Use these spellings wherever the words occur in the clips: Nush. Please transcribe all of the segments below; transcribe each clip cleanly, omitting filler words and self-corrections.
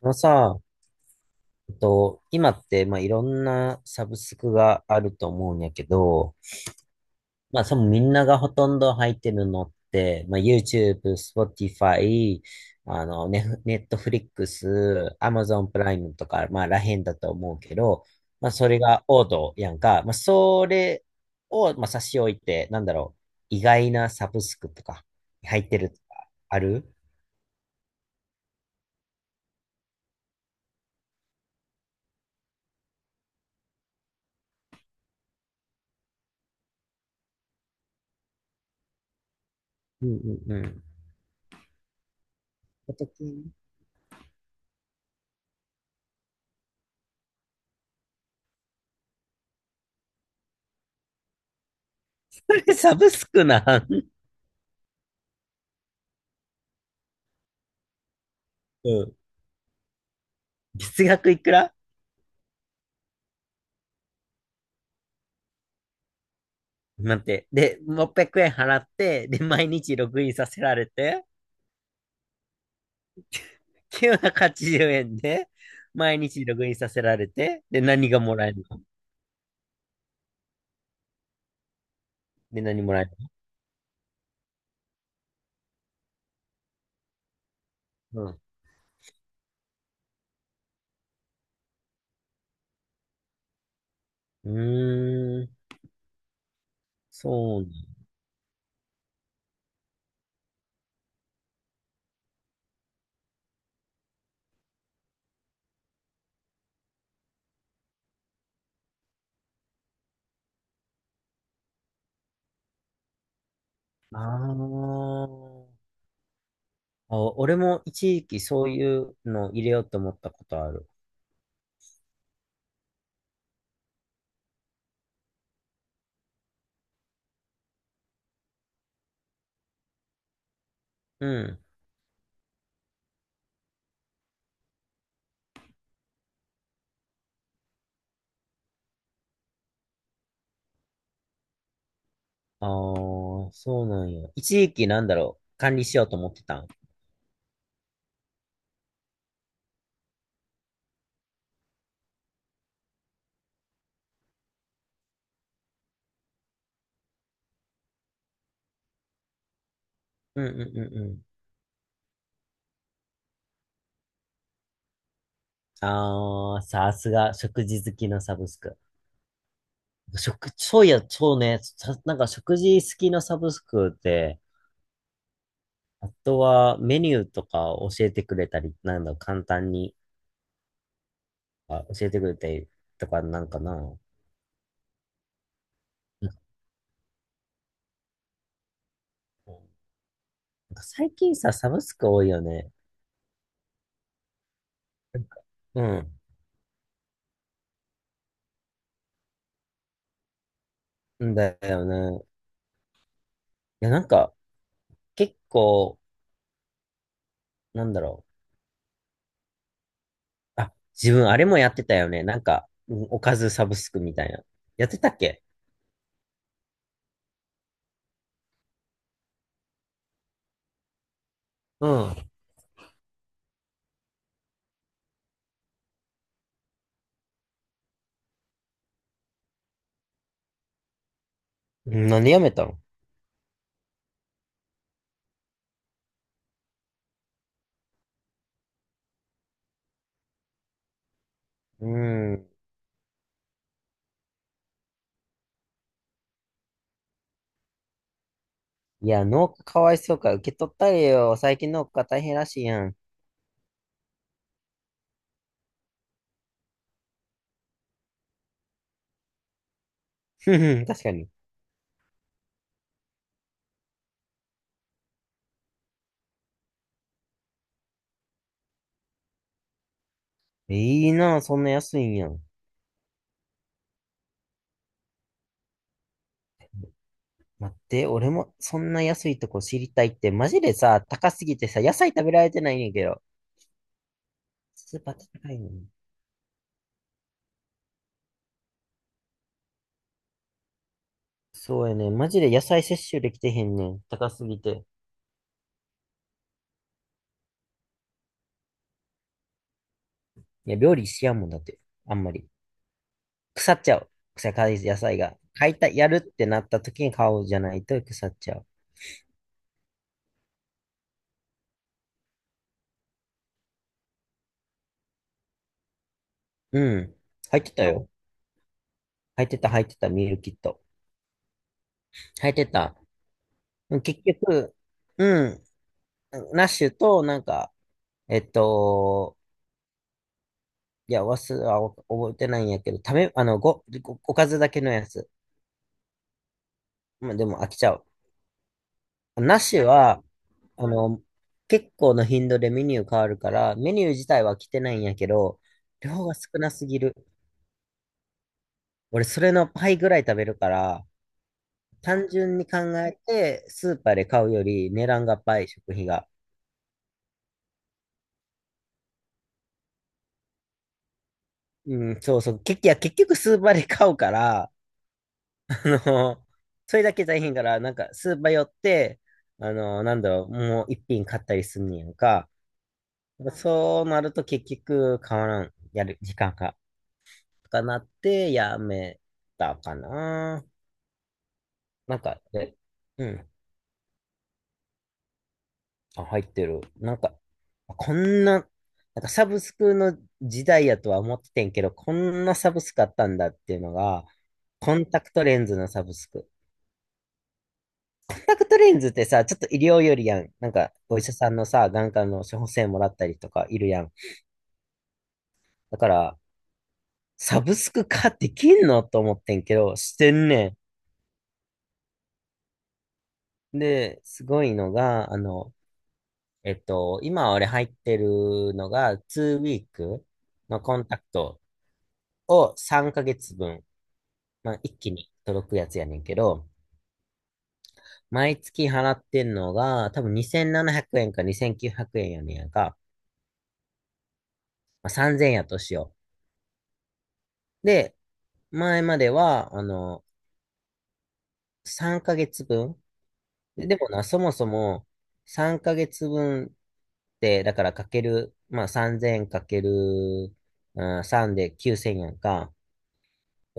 あのさ、今って、いろんなサブスクがあると思うんやけど、そのみんながほとんど入ってるのって、YouTube、Spotify、ね、Netflix、Amazon プライムとか、らへんだと思うけど、それが王道やんか。それを、差し置いて、なんだろう、意外なサブスクとか、入ってるとか、ある？うんうんうん。サブスクなん？うん。月額いくら？待って。で、600円払って、で、毎日ログインさせられて、980円で、毎日ログインさせられて、で、何がもらえるの？で、何もらえるの？うん。うーん、そうなんだ。あー。あ。俺も一時期そういうの入れようと思ったことある。うん。ああ、そうなんや。一時期なんだろう、管理しようと思ってたん？うんうんうんうん。ああ、さすが、食事好きのサブスク。そういや、そうね、さなんか食事好きのサブスクで、あとはメニューとか教えてくれたり、なんだ、簡単に、教えてくれたりとかなんかな？なんかなんか最近さ、サブスク多いよね。なんか、うん、だよね。いや、なんか、結構、なんだろう。あ、自分あれもやってたよね。なんか、うん、おかずサブスクみたいな。やってたっけ？うん。何やめたの？うん。いや、農家かわいそうか。受け取ったれよ。最近農家大変らしいやん。ふふ、確かに。いいな、そんな安いんやん。待って、俺もそんな安いとこ知りたいって、マジでさ、高すぎてさ、野菜食べられてないねんやけど。スーパー高いのに。そうやね。マジで野菜摂取できてへんねん。高すぎて。いや、料理しやんもんだって。あんまり。腐っちゃう。腐かい野菜が。買いた、やるってなった時に買おうじゃないと腐っちゃう。うん。入ってたよ。入ってた、入ってた、ミールキット。入ってた。うん、結局、うん、ナッシュと、なんか、えっと、いや、忘れ、あ、覚えてないんやけど、ためあの、ご、ご、おかずだけのやつ。まあ、でも飽きちゃう。ナッシュは、あの、結構の頻度でメニュー変わるから、メニュー自体は来てないんやけど、量が少なすぎる。俺、それの倍ぐらい食べるから、単純に考えて、スーパーで買うより値段が倍、食費が。うん、そうそう。結局、いや、結局スーパーで買うから、あの、それだけ大変から、なんか、スーパー寄って、なんだろう、もう一品買ったりすんねやんか。そうなると結局、変わらん、やる時間が、とかなって、やめたかな。なんか、うん。あ、入ってる。なんか、こんな、なんかサブスクの時代やとは思っててんけど、こんなサブスクあったんだっていうのが、コンタクトレンズのサブスク。コンタクトレンズってさ、ちょっと医療よりやん。なんか、お医者さんのさ、眼科の処方箋もらったりとかいるやん。だから、サブスク化できんのと思ってんけど、してんねん。で、すごいのが、今俺入ってるのが、2ウィークのコンタクトを3ヶ月分、まあ、一気に届くやつやねんけど、毎月払ってんのが、多分2700円か2900円やねんやんか。まあ、3000円やとしよう。で、前までは、3ヶ月分。で、でもな、そもそも3ヶ月分って、だからかける、まあ3000かける、うん、3で9000やんか。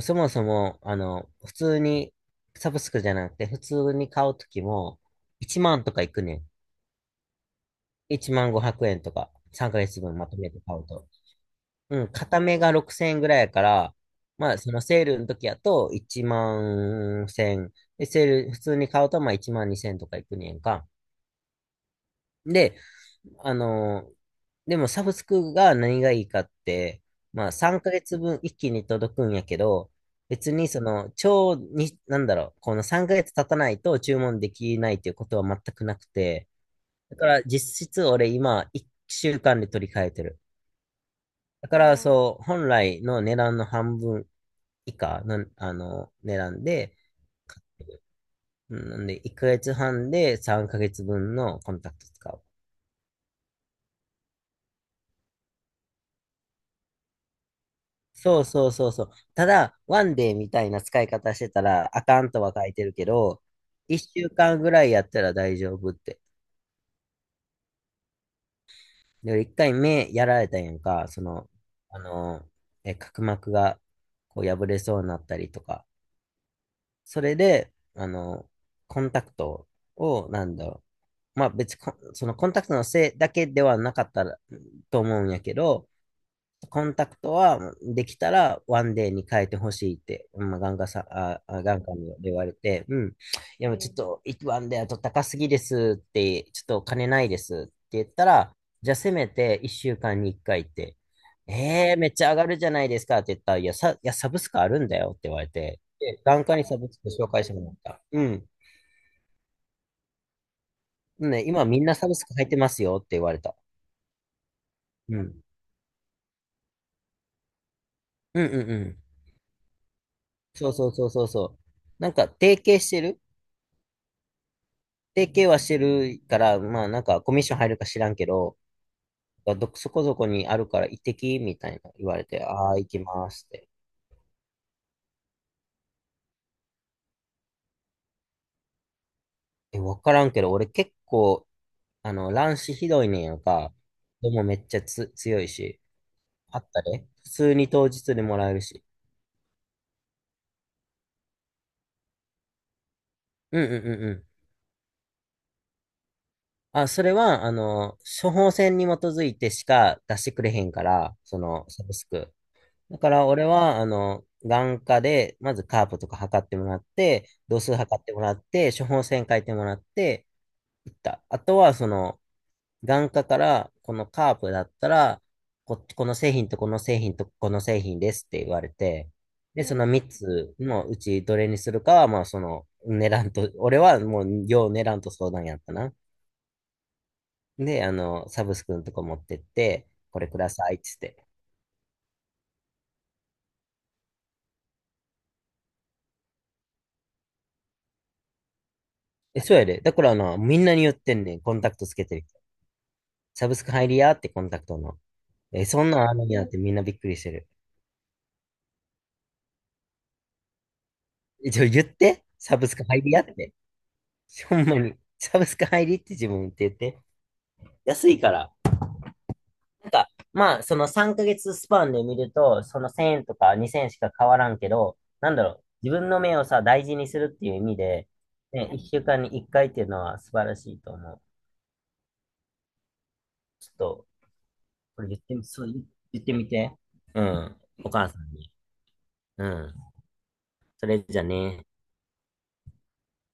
そもそも、普通に、サブスクじゃなくて、普通に買うときも、1万とかいくねん。1万500円とか、3ヶ月分まとめて買うと。うん、片目が6000円ぐらいやから、まあ、そのセールの時やと1万1000。で、セール、普通に買うとまあ1万2000とかいくねんか。で、あのーでもサブスクが何がいいかって、まあ3ヶ月分一気に届くんやけど、別にその、超に、なんだろう、この3ヶ月経たないと注文できないっていうことは全くなくて、だから実質俺今1週間で取り替えてる。だからそう、本来の値段の半分以下の、値段で、んなんで、1ヶ月半で3ヶ月分のコンタクト使う。そうそうそうそう。ただ、ワンデーみたいな使い方してたら、あかんとは書いてるけど、1週間ぐらいやったら大丈夫って。で、1回目やられたんやんか、その、あの、角膜がこう破れそうになったりとか。それで、コンタクトを、なんだろう、まあ別に、そのコンタクトのせいだけではなかったらと思うんやけど、コンタクトはできたらワンデーに変えてほしいって、まあ、眼科さあ、あ眼科に言われて、うん。いや、もうちょっと、ワンデーだと高すぎですって、ちょっとお金ないですって言ったら、じゃあせめて1週間に1回って、えー、めっちゃ上がるじゃないですかって言ったら、いや、サブスクあるんだよって言われて、で、眼科にサブスク紹介してもらった。うん。ね、今みんなサブスク入ってますよって言われた。うん。うんうんうん。そうそうそうそうそう。なんか、提携はしてるから、まあなんか、コミッション入るか知らんけど、そこそこにあるから行ってきみたいな言われて、ああ、行きますって。え、わからんけど、俺結構、乱視ひどいねんやんか。でもめっちゃ強いし、あったで。普通に当日でもらえるし。うんうんうんうん。あ、それは、処方箋に基づいてしか出してくれへんから、その、サブスク。だから俺は、眼科で、まずカープとか測ってもらって、度数測ってもらって、処方箋書いてもらって、行った。あとは、その、眼科から、このカープだったら、この製品とこの製品とこの製品ですって言われて、で、その3つのうちどれにするかは、まあ、その、値段と、俺はもう、よう値段と相談やったな。で、サブスクのとこ持ってって、これくださいっつって。え、そうやで。だからな、みんなに言ってんねん。コンタクトつけてる。サブスク入りやってコンタクトの。え、そんなんあるんやってみんなびっくりしてる。え、言って。サブスク入りやって。ほんまに。サブスク入りって自分言って言って。安いから。なんか、まあ、その3ヶ月スパンで見ると、その1000円とか2000円しか変わらんけど、なんだろう。自分の目をさ、大事にするっていう意味で、ね、1週間に1回っていうのは素晴らしいと思う。ちょっと、これ言ってみ、言ってみて。うん。お母さんに。うん。それじゃね。